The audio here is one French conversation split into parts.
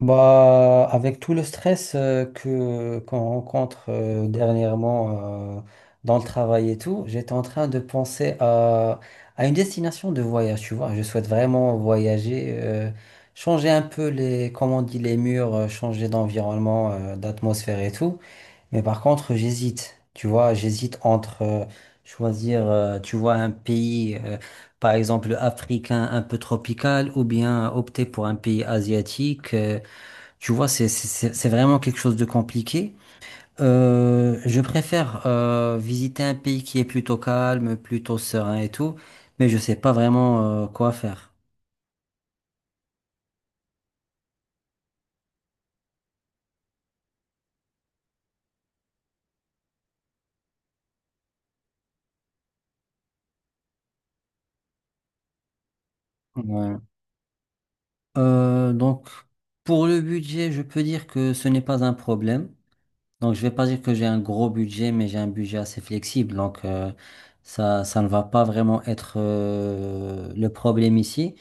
Bah, avec tout le stress que qu'on rencontre dernièrement dans le travail et tout, j'étais en train de penser à une destination de voyage, tu vois. Je souhaite vraiment voyager, changer un peu les, comment on dit, les murs, changer d'environnement, d'atmosphère et tout. Mais par contre, j'hésite, tu vois, j'hésite entre choisir, tu vois, un pays, par exemple, africain un peu tropical ou bien opter pour un pays asiatique. Tu vois, c'est vraiment quelque chose de compliqué. Je préfère visiter un pays qui est plutôt calme, plutôt serein et tout, mais je sais pas vraiment quoi faire. Ouais. Donc, pour le budget, je peux dire que ce n'est pas un problème. Donc, je vais pas dire que j'ai un gros budget, mais j'ai un budget assez flexible. Donc, ça, ça ne va pas vraiment être le problème ici.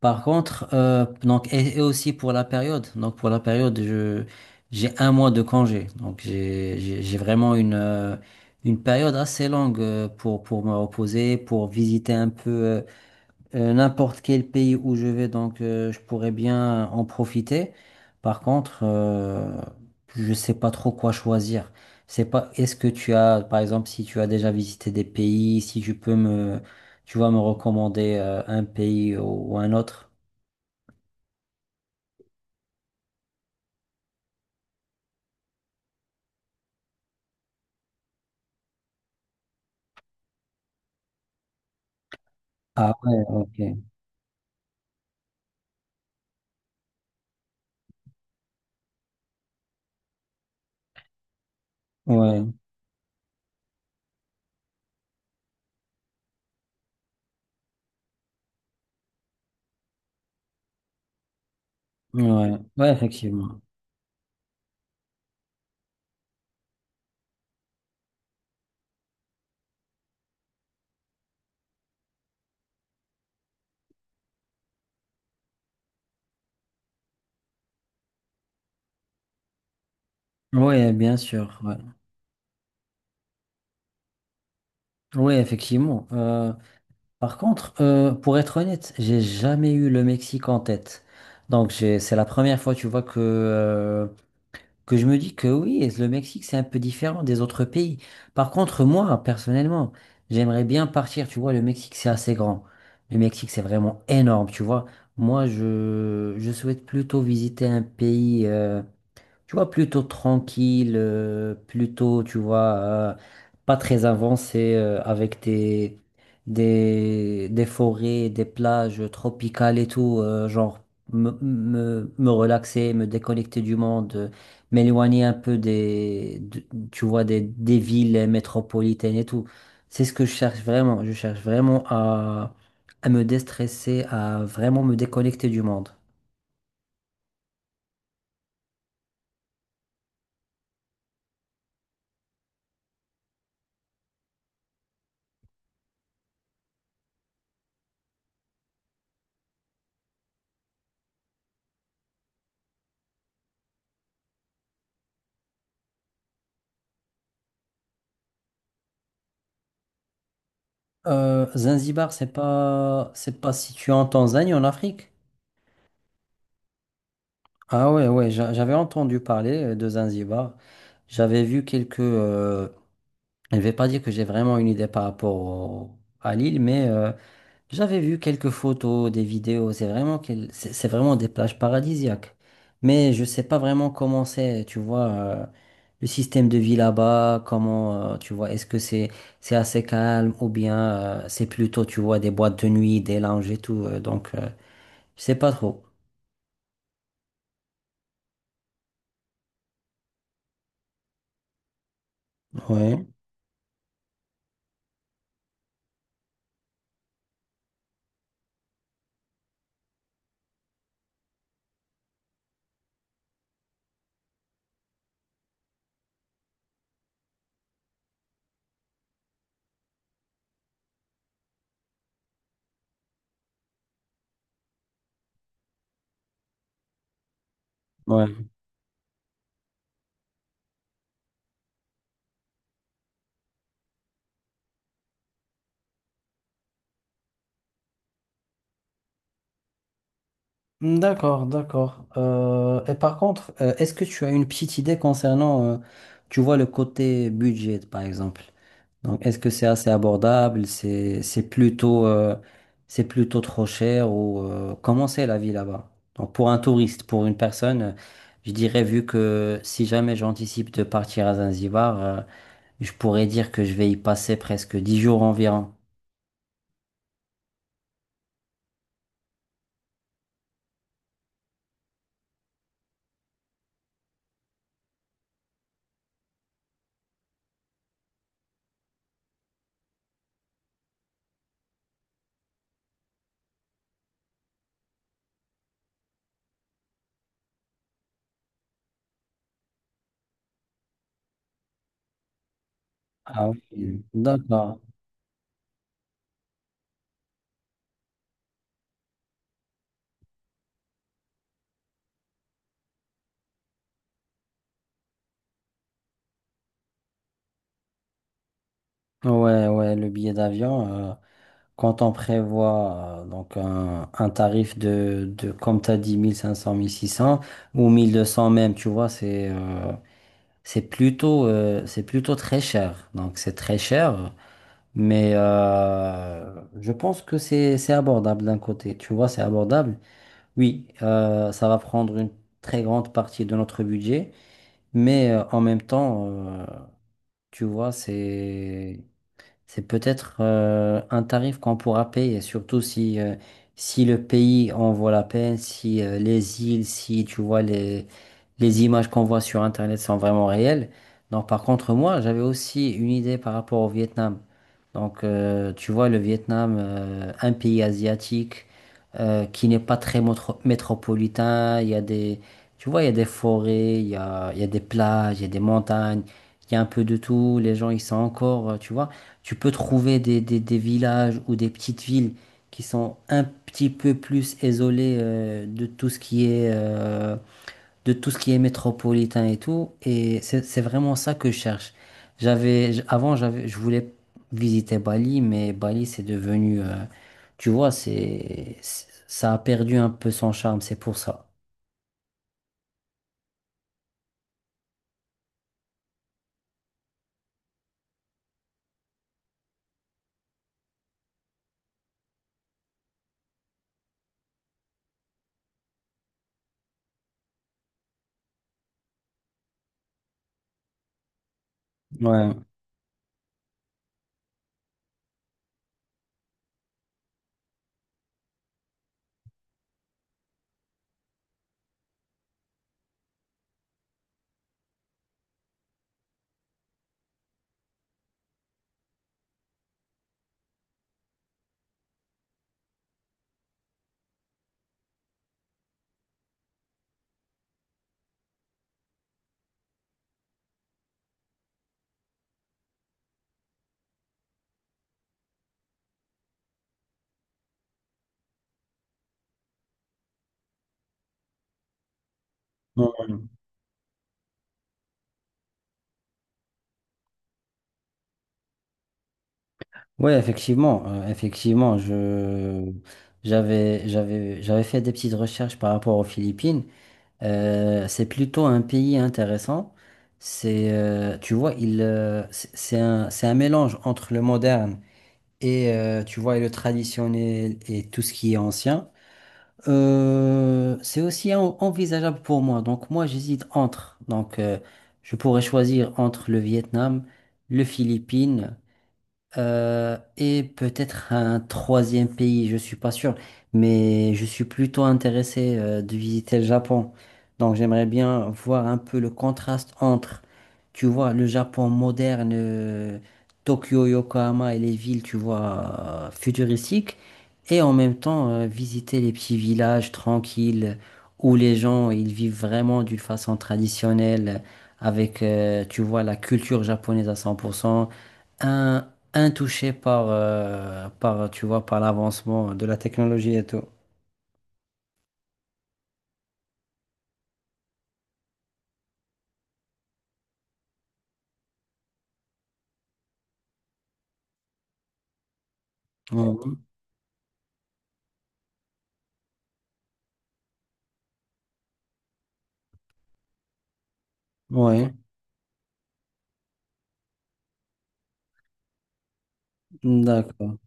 Par contre, donc, et aussi pour la période, donc pour la période, j'ai un mois de congé. Donc, j'ai vraiment une période assez longue pour, me reposer, pour visiter un peu n'importe quel pays où je vais. Donc, je pourrais bien en profiter. Par contre, je sais pas trop quoi choisir. C'est pas, est-ce que tu as, par exemple, si tu as déjà visité des pays, si tu peux me, tu vas me recommander un pays ou un autre? Ah ouais, ok. Ouais, ouais, ouais, effectivement. Ouais, bien sûr. Ouais, ouais, effectivement. Par contre, pour être honnête, j'ai jamais eu le Mexique en tête. Donc, c'est la première fois, tu vois, que je me dis que oui, le Mexique, c'est un peu différent des autres pays. Par contre, moi, personnellement, j'aimerais bien partir. Tu vois, le Mexique, c'est assez grand. Le Mexique, c'est vraiment énorme, tu vois. Moi, je souhaite plutôt visiter un pays. Tu vois, plutôt tranquille, plutôt, tu vois, pas très avancé, avec des forêts, des plages tropicales et tout, genre me relaxer, me déconnecter du monde, m'éloigner un peu tu vois, des villes métropolitaines et tout. C'est ce que je cherche vraiment. Je cherche vraiment à me déstresser, à vraiment me déconnecter du monde. Zanzibar, c'est pas situé en Tanzanie, en Afrique? Ah ouais, ouais, j'avais entendu parler de Zanzibar. J'avais vu quelques. Je ne vais pas dire que j'ai vraiment une idée par rapport à l'île, mais j'avais vu quelques photos, des vidéos, c'est vraiment, c'est vraiment des plages paradisiaques. Mais je sais pas vraiment comment c'est, tu vois, le système de vie là-bas, comment, tu vois, est-ce que c'est assez calme ou bien c'est plutôt, tu vois, des boîtes de nuit, des lounges et tout. Donc, je sais pas trop. Ouais, ouais. D'accord, d'accord. Et par contre, est-ce que tu as une petite idée concernant, tu vois, le côté budget, par exemple? Donc, est-ce que c'est assez abordable? C'est plutôt, c'est plutôt trop cher ou comment c'est la vie là-bas? Donc, pour un touriste, pour une personne, je dirais, vu que si jamais j'anticipe de partir à Zanzibar, je pourrais dire que je vais y passer presque 10 jours environ. Ah oui, d'accord. Ouais, ouais, le billet d'avion, quand on prévoit donc un tarif de comme tu as dit, 1 000 1 500 1 600 ou 1 200 même, tu vois, c'est. C'est plutôt très cher. Donc, c'est très cher, mais je pense que c'est abordable d'un côté. Tu vois, c'est abordable. Oui, ça va prendre une très grande partie de notre budget, mais en même temps, tu vois, c'est peut-être un tarif qu'on pourra payer, surtout si le pays en vaut la peine, si les îles, si tu vois les images qu'on voit sur Internet sont vraiment réelles. Donc par contre, moi, j'avais aussi une idée par rapport au Vietnam. Donc tu vois, le Vietnam, un pays asiatique qui n'est pas très métropolitain, il y a des, tu vois, il y a des forêts, il y a des plages, il y a des montagnes, il y a un peu de tout, les gens, ils sont encore, tu vois. Tu peux trouver des villages ou des petites villes qui sont un petit peu plus isolées de tout ce qui est, de tout ce qui est métropolitain et tout. Et c'est vraiment ça que je cherche. Avant, je voulais visiter Bali, mais Bali, c'est devenu, tu vois, ça a perdu un peu son charme, c'est pour ça. Ouais. Ouais. Oui, effectivement, effectivement, je j'avais j'avais j'avais fait des petites recherches par rapport aux Philippines. C'est plutôt un pays intéressant. C'est Tu vois, il c'est un mélange entre le moderne et tu vois et le traditionnel et tout ce qui est ancien. C'est aussi envisageable pour moi. Donc moi, j'hésite entre. Donc je pourrais choisir entre le Vietnam, le Philippines. Et peut-être un troisième pays, je suis pas sûr, mais je suis plutôt intéressé de visiter le Japon. Donc j'aimerais bien voir un peu le contraste entre, tu vois, le Japon moderne, Tokyo, Yokohama et les villes, tu vois, futuristiques, et en même temps visiter les petits villages tranquilles où les gens ils vivent vraiment d'une façon traditionnelle, avec, tu vois, la culture japonaise à 100%. un, Intouché par, par, tu vois, par l'avancement de la technologie et tout. Mhm. Oui, d'accord.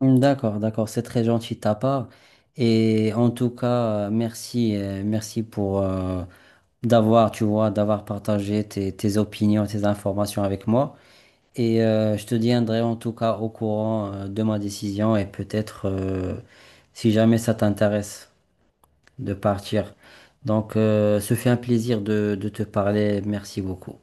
D'accord, d'accord, c'est très gentil de ta part. Et en tout cas, merci pour d'avoir, tu vois, d'avoir partagé tes opinions, tes informations avec moi. Et je te tiendrai en tout cas au courant de ma décision et peut-être si jamais ça t'intéresse. De partir. Donc, ce fut un plaisir de te parler. Merci beaucoup.